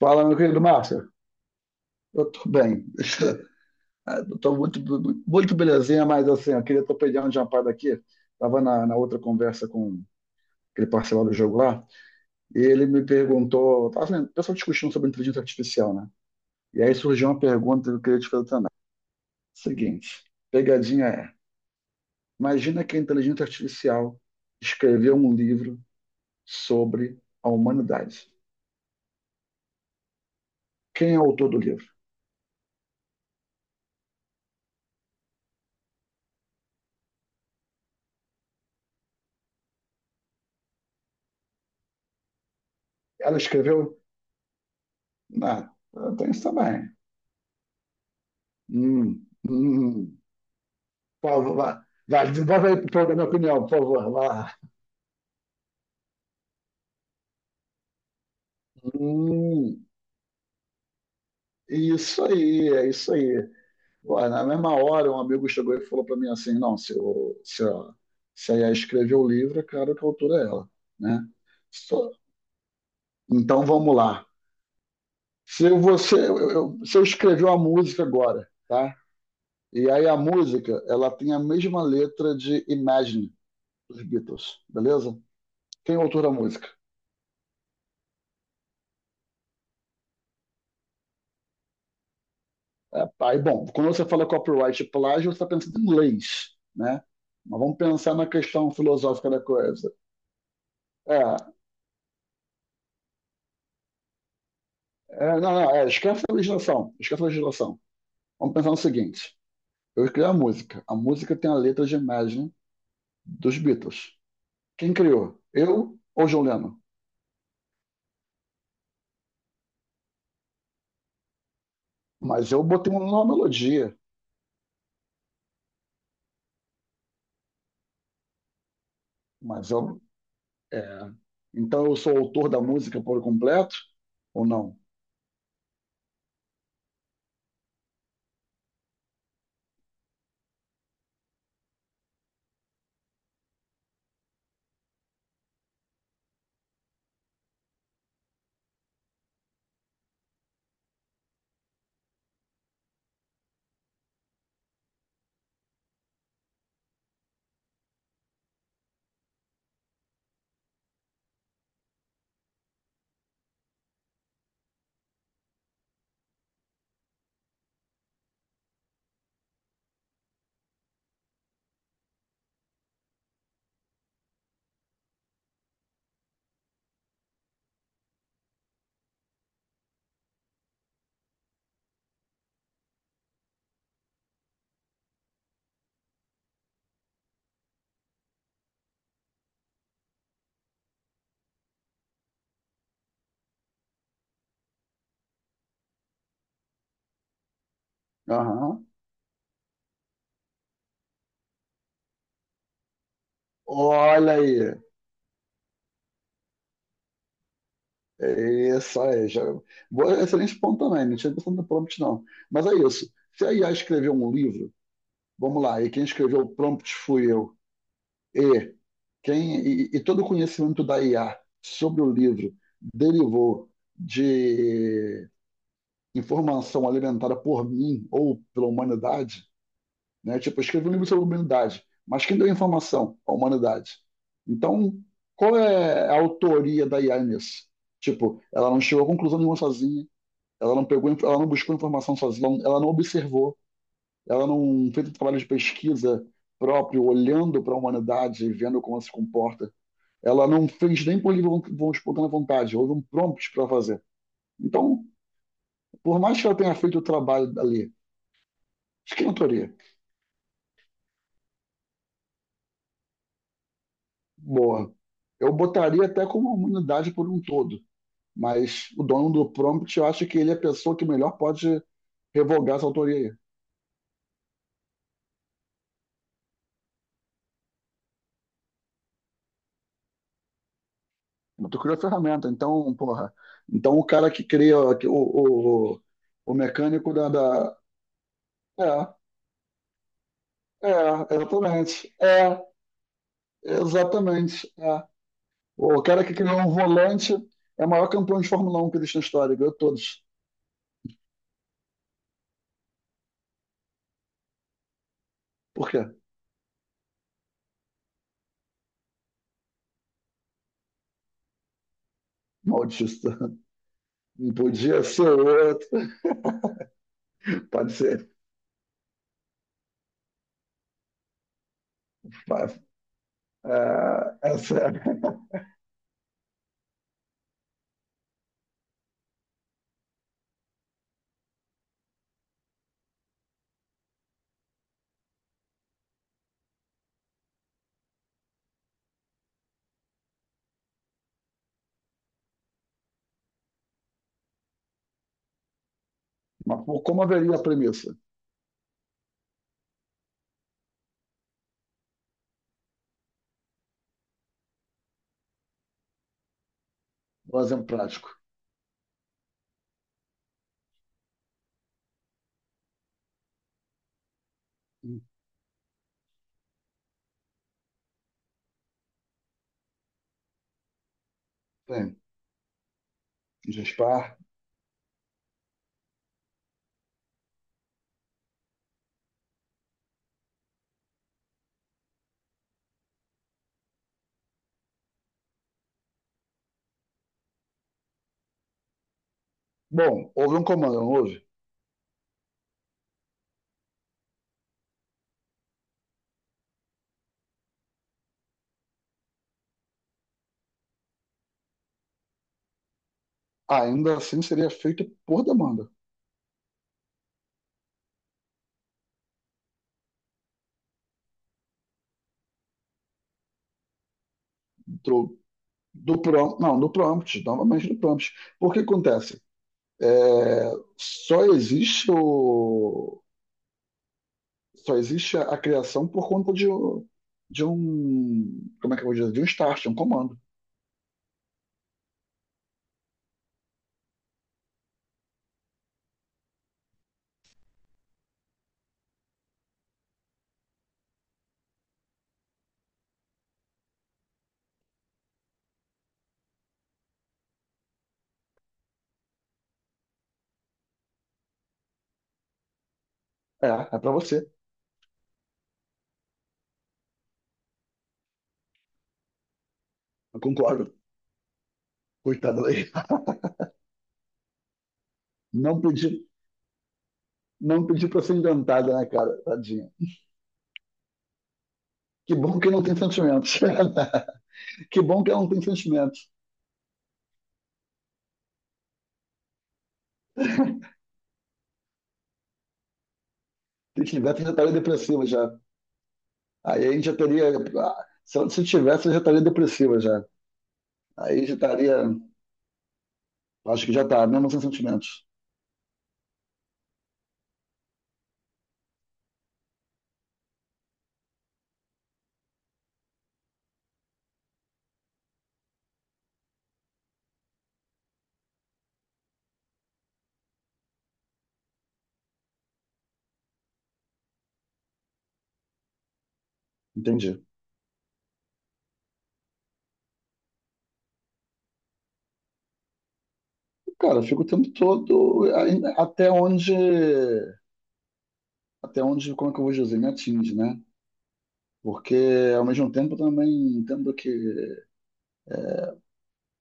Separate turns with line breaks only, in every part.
Fala, meu querido Márcio. Eu tô bem. Eu tô muito belezinha, mas assim, eu queria tua opinião de uma parada aqui. Tava na outra conversa com aquele parceiro do jogo lá, e ele me perguntou, tava assim, o pessoal discutindo sobre inteligência artificial, né? E aí surgiu uma pergunta que eu queria te fazer também. Seguinte, pegadinha é, imagina que a inteligência artificial escreveu um livro sobre a humanidade. Quem é o autor do livro? Ela escreveu? Não, tem isso também. Hum, hum. hum. Por favor, vai, desenvolve aí para a minha opinião, por favor. Vai lá. Hum, isso aí, é isso aí. Pô, na mesma hora, um amigo chegou e falou para mim assim: não, se a Yas escreveu o livro, é claro que a autora é ela, né? Só- Então vamos lá. Se você, se eu escrever uma música agora, tá? E aí a música, ela tem a mesma letra de Imagine dos Beatles, beleza? Quem é o autor da música? É. Aí, bom, quando você fala copyright e plágio, você está pensando em leis, né? Mas vamos pensar na questão filosófica da coisa. É, não, esquece a legislação, esquece a legislação. Vamos pensar no seguinte: eu criei a música. A música tem a letra de Imagine dos Beatles. Quem criou? Eu ou John Lennon? Mas eu botei uma nova melodia. Mas eu, é, então eu sou autor da música por completo ou não? Aham. Olha aí, é isso aí. Já... Boa, excelente ponto também. Não tinha pensado no prompt, não. Mas é isso. Se a IA escreveu um livro, vamos lá, e quem escreveu o prompt fui eu, e, e todo o conhecimento da IA sobre o livro derivou de informação alimentada por mim ou pela humanidade, né? Tipo, eu escrevi um livro sobre a humanidade, mas quem deu a informação? A humanidade. Então, qual é a autoria da IA nisso? Tipo, ela não chegou a conclusão nenhuma sozinha, ela não buscou informação sozinha, ela não observou, ela não fez um trabalho de pesquisa próprio, olhando para a humanidade, vendo como ela se comporta. Ela não fez nem por livre espontânea vontade, houve um prompt para fazer. Então, por mais que ela tenha feito o trabalho ali, de autoria? Boa. Eu botaria até como a humanidade por um todo, mas o dono do prompt, eu acho que ele é a pessoa que melhor pode revogar essa autoria aí. Mas tu criou a ferramenta, então, porra. Então o cara que cria o mecânico É, é, exatamente. É, exatamente. É. O cara que criou um volante é o maior campeão de Fórmula Um que existe na história, ganhou todos. Por quê? Maldito. Não podia ser outro. Pode ser. Mas, é, é sério. Mas pô, como haveria a premissa? Um exemplo prático. Tem. Gespar. Bom, houve um comando, não houve? Ainda assim seria feita por demanda do, não, do prompt, novamente do prompt. Por que acontece? É, só existe o, só existe a criação por conta de um, como é que eu vou dizer, de um start, um comando. É, é para você. Eu concordo. Coitada daí. Não pedi, não pedi para ser inventada, né, cara? Tadinha. Que bom que não tem sentimentos. Que bom que ela não tem sentimentos. Se tivesse, já estaria depressiva já. Aí a gente já teria. Ah, Se eu se tivesse, eu já estaria depressiva já. Aí já estaria. Acho que já tá, mesmo sem sentimentos. Entendi. Cara, eu fico o tempo todo aí, até onde. Até onde, como é que eu vou dizer, me atinge, né? Porque ao mesmo tempo eu também entendo que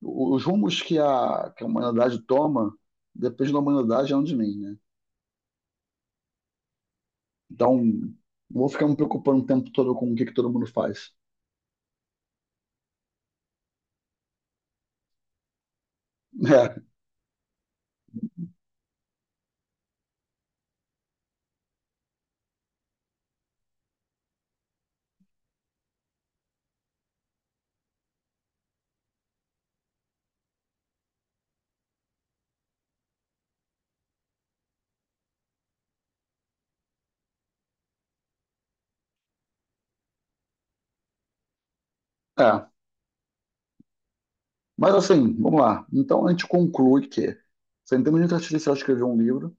os rumos que a humanidade toma depende da humanidade e não de mim, né? Então, não vou ficar me preocupando o tempo todo com que todo mundo faz. É, é. Mas assim, vamos lá. Então a gente conclui que se a inteligência artificial escreveu um livro,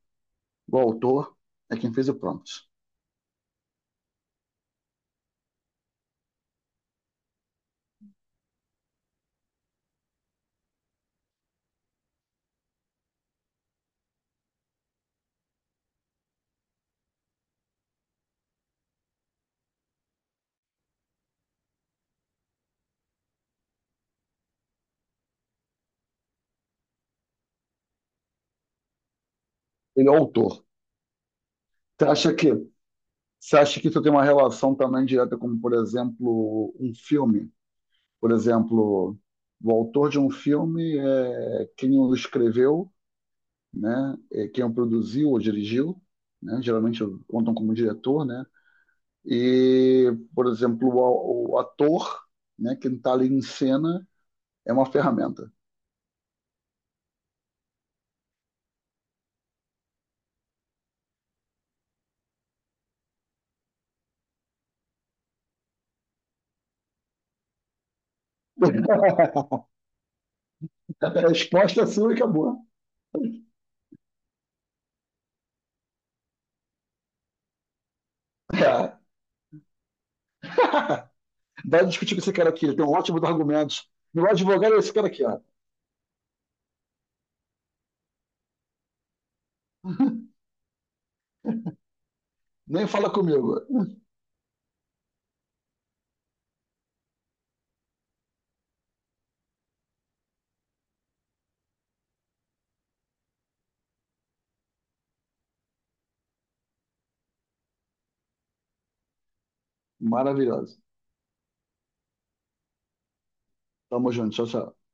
o autor é quem fez o prompt. Ele é o autor. Você acha que, você acha que isso tem uma relação também direta com, por exemplo, um filme? Por exemplo, o autor de um filme é quem o escreveu, né? É quem o produziu ou dirigiu, né? Geralmente contam como diretor, né? E, por exemplo, o ator, né? Quem está ali em cena é uma ferramenta. resposta é e acabou. É. Vai discutir com esse cara aqui, ele tem um ótimo argumento. Meu advogado é esse cara aqui, ó. Nem fala comigo. Maravilhoso. Tamo junto, tchau, tchau.